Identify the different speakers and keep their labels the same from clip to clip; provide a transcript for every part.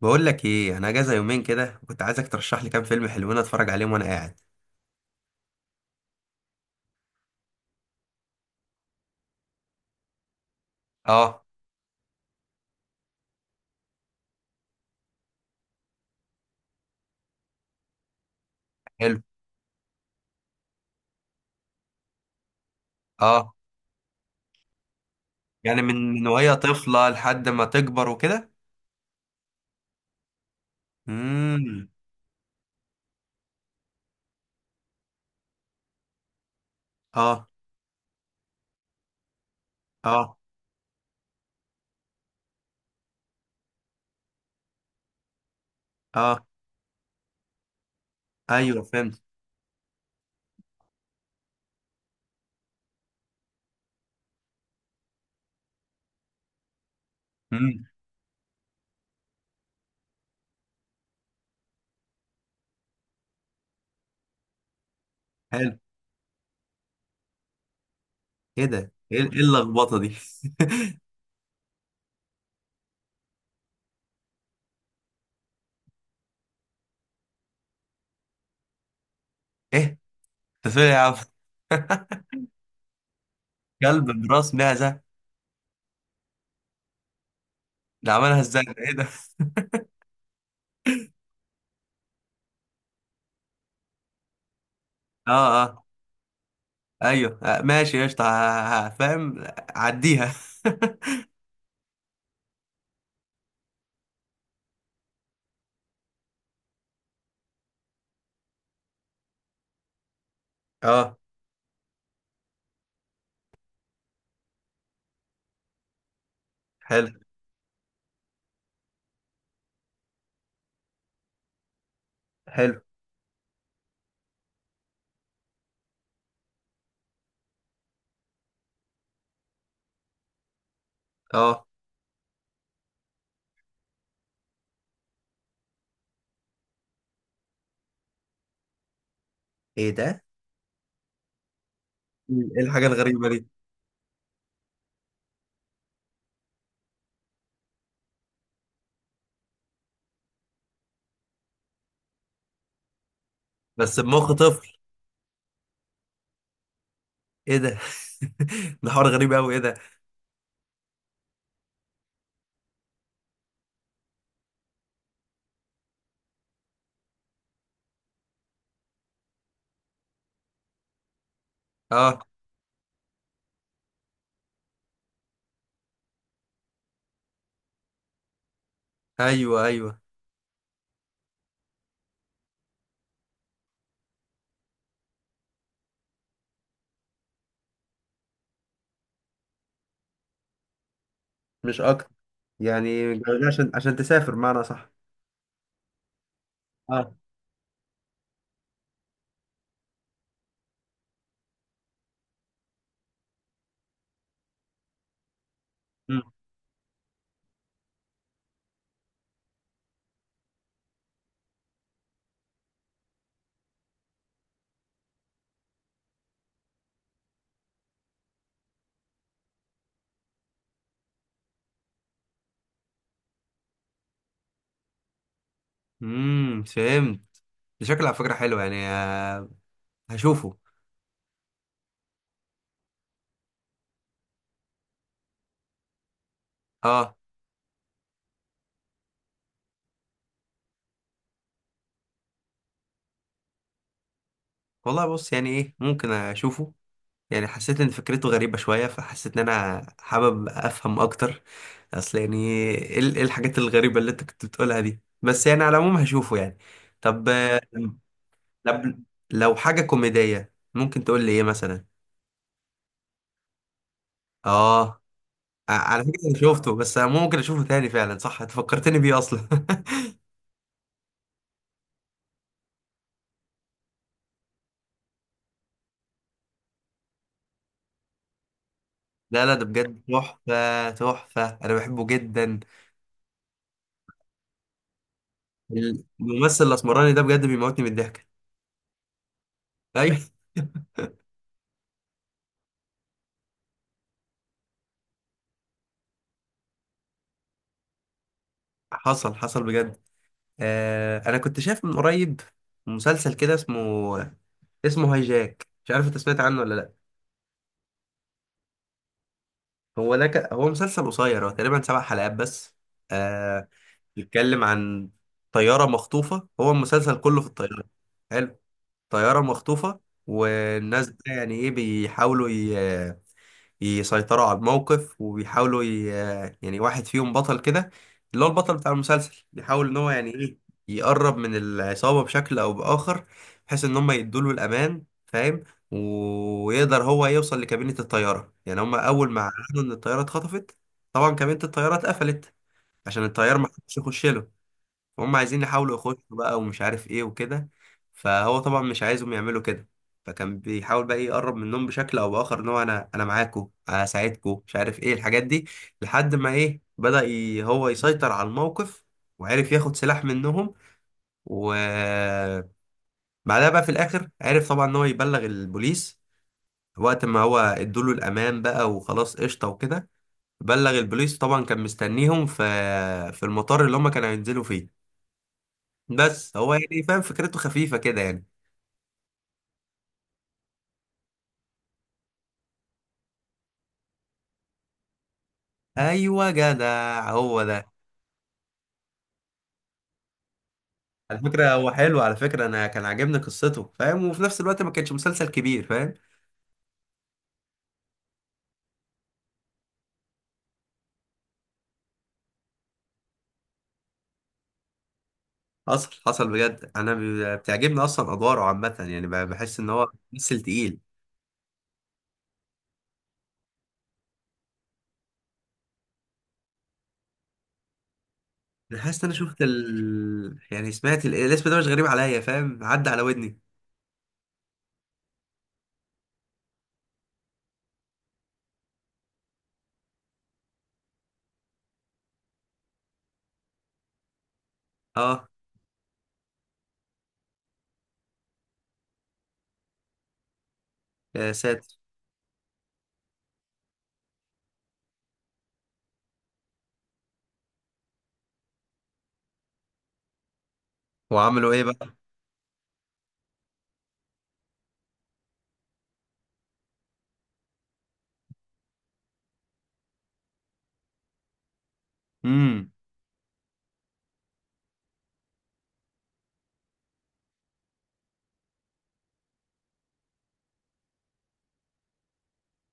Speaker 1: بقول لك ايه، انا اجازه يومين كده، وكنت عايزك ترشح لي كام فيلم حلوين اتفرج عليهم وانا قاعد. اه. حلو. اه. يعني من وهي طفله لحد ما تكبر وكده. امم. اه. اه. اه. ايوه، فهمت. امم. حلو. ايه ده؟ ايه اللخبطه دي؟ ايه ده؟ فين يا عم؟ كلب براس معزه؟ ده عملها ازاي؟ ده ايه ده؟ اه. اه. ايوه. آه، ماشي، قشطه. فاهم. عديها. اه. حلو حلو. اه. ايه ده؟ ايه الحاجة الغريبة دي؟ بس بمخ طفل. ايه ده؟ ده حوار غريب قوي. ايه ده؟ اه. ايوه، ايوه، مش اكتر. يعني جايبها عشان تسافر معنى، صح؟ اه. امم، فهمت. ده شكله على فكرة حلو يعني. هشوفه. اه والله، بص يعني ايه، ممكن اشوفه. يعني حسيت ان فكرته غريبة شوية، فحسيت ان انا حابب افهم اكتر. اصل يعني ايه؟ إيه الحاجات الغريبة اللي انت كنت بتقولها دي؟ بس يعني على العموم هشوفه يعني. طب. طب لو حاجة كوميدية ممكن تقول لي ايه مثلا؟ اه. على فكرة انا شفته، بس انا ممكن اشوفه تاني. فعلا صح، انت فكرتني بيه اصلا. لا لا، ده بجد تحفة تحفة، انا بحبه جدا. الممثل الاسمراني ده بجد بيموتني من الضحك. ايوه. حصل حصل بجد. آه، انا كنت شايف من قريب مسلسل كده اسمه هاي جاك، مش عارف انت سمعت عنه ولا لا. هو ده هو مسلسل قصير، هو تقريبا 7 حلقات بس. آه، بيتكلم عن طيارة مخطوفة، هو المسلسل كله في الطيارة. حلو. طيارة مخطوفة. والناس بقى يعني ايه بيحاولوا يسيطروا على الموقف، وبيحاولوا يعني واحد فيهم بطل كده، اللي هو البطل بتاع المسلسل، بيحاول ان هو يعني ايه يقرب من العصابة بشكل او بآخر، بحيث ان هم يدوله الامان، فاهم. ويقدر هو يوصل لكابينة الطيارة. يعني هم اول ما عرفوا ان الطيارة اتخطفت، طبعا كابينة الطيارة اتقفلت، عشان الطيار ما حدش يخش له. فهم عايزين يحاولوا يخشوا بقى ومش عارف ايه وكده، فهو طبعا مش عايزهم يعملوا كده. فكان بيحاول بقى إيه يقرب منهم بشكل او باخر، ان هو انا معاكم، هساعدكم، مش عارف ايه الحاجات دي. لحد ما ايه بدأ هو يسيطر على الموقف، وعرف ياخد سلاح منهم. وبعدها بقى في الاخر عرف طبعا ان هو يبلغ البوليس وقت ما هو ادوله الامان بقى وخلاص، قشطه وكده. بلغ البوليس، طبعا كان مستنيهم في المطار اللي هم كانوا هينزلوا فيه. بس هو يعني فاهم، فكرته خفيفة كده يعني. ايوه، جدع، هو ده. على فكرة هو حلو، على فكرة انا كان عاجبني قصته، فاهم، وفي نفس الوقت ما كانش مسلسل كبير، فاهم. حصل حصل بجد. انا بتعجبني اصلا ادواره عامة، يعني بحس ان هو ممثل تقيل. انا حاسس ان انا شفت يعني سمعت الاسم ده مش غريب عليا، فاهم، عدى على ودني. اه. يا ساتر. وعملوا ايه بقى؟ امم.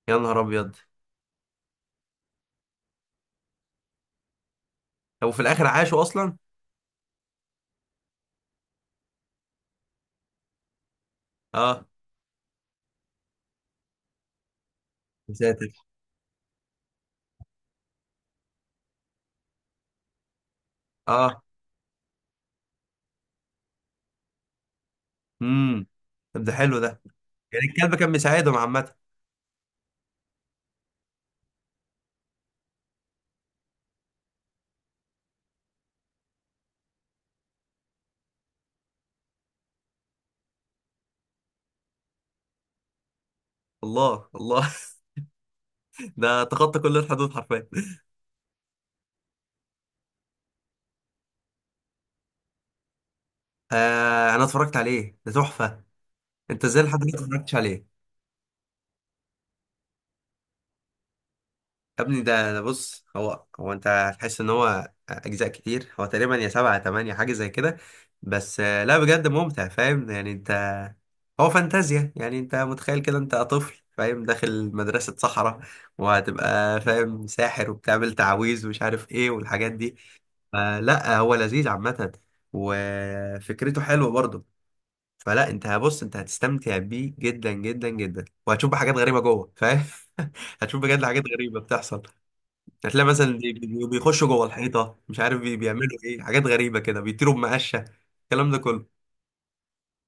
Speaker 1: يا نهار ابيض. هو في الاخر عاشوا اصلا؟ اه. يا ساتر. اه. امم. طب ده حلو ده. يعني الكلب كان بيساعدهم عامة. الله الله. ده تخطى كل الحدود حرفيا. آه، انا اتفرجت عليه، ده تحفة. انت ازاي لحد دلوقتي ما اتفرجتش عليه؟ يا ابني، ده بص، هو انت هتحس ان هو اجزاء كتير، هو تقريبا يا 7 يا 8، حاجة زي كده. بس لا بجد ممتع، فاهم، يعني انت هو فانتازيا، يعني انت متخيل كده انت طفل، فاهم، داخل مدرسة صحراء، وهتبقى فاهم ساحر، وبتعمل تعاويذ ومش عارف ايه والحاجات دي. فلا هو لذيذ عامة، وفكرته حلوة برضه. فلا انت هبص انت هتستمتع بيه جدا جدا جدا، وهتشوف بقى حاجات غريبة جوه، فاهم. هتشوف بجد حاجات غريبة بتحصل. هتلاقي مثلا بيخشوا جوه الحيطة، مش عارف بيعملوا ايه، حاجات غريبة كده، بيطيروا بمقشة، الكلام ده كله.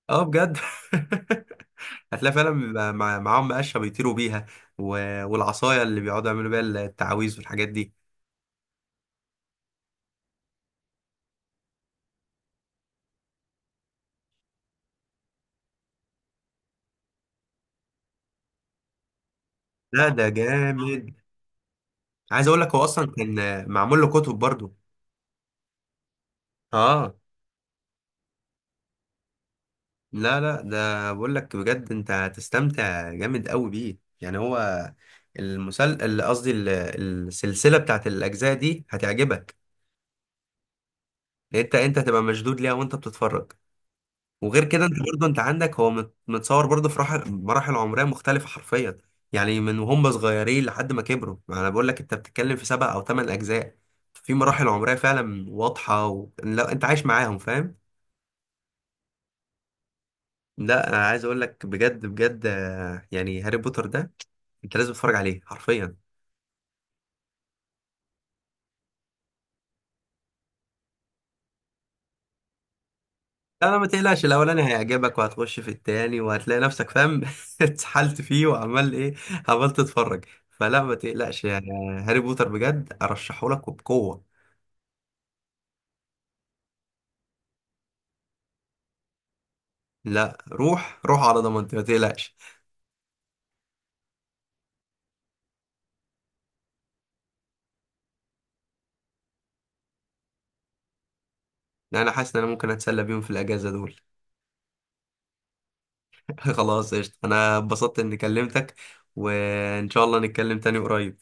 Speaker 1: اه بجد. هتلاقي فعلا بيبقى معاهم مقشة بيطيروا بيها، والعصاية اللي بيقعدوا يعملوا بيها التعاويذ والحاجات دي. لا ده جامد. عايز اقول لك هو اصلا كان معمول له كتب برضه. اه. لا لا، ده بقول لك بجد انت هتستمتع جامد قوي بيه، يعني هو قصدي السلسله بتاعت الاجزاء دي هتعجبك. لان انت هتبقى مشدود ليها وانت بتتفرج. وغير كده انت برضه انت عندك هو متصور برضه في مراحل عمريه مختلفه حرفيا. يعني من وهم صغيرين لحد ما كبروا. ما انا بقول لك انت بتتكلم في 7 او 8 اجزاء، في مراحل عمريه فعلا واضحه لا انت عايش معاهم، فاهم. لا انا عايز اقول لك بجد بجد، يعني هاري بوتر ده انت لازم تتفرج عليه حرفيا. لا لا، ما تقلقش، الاولاني هيعجبك وهتخش في التاني، وهتلاقي نفسك فاهم اتسحلت فيه وعمال ايه، عمال تتفرج. فلا ما تقلقش يعني. هاري بوتر بجد ارشحه لك وبقوة. لا، روح روح على ضمانتي، ما تقلقش. لا انا حاسس ان انا ممكن اتسلى بيهم في الاجازة دول. خلاص، قشطة، انا اتبسطت اني كلمتك، وان شاء الله نتكلم تاني قريب.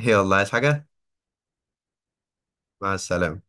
Speaker 1: يلا، عايز حاجة؟ مع السلامة.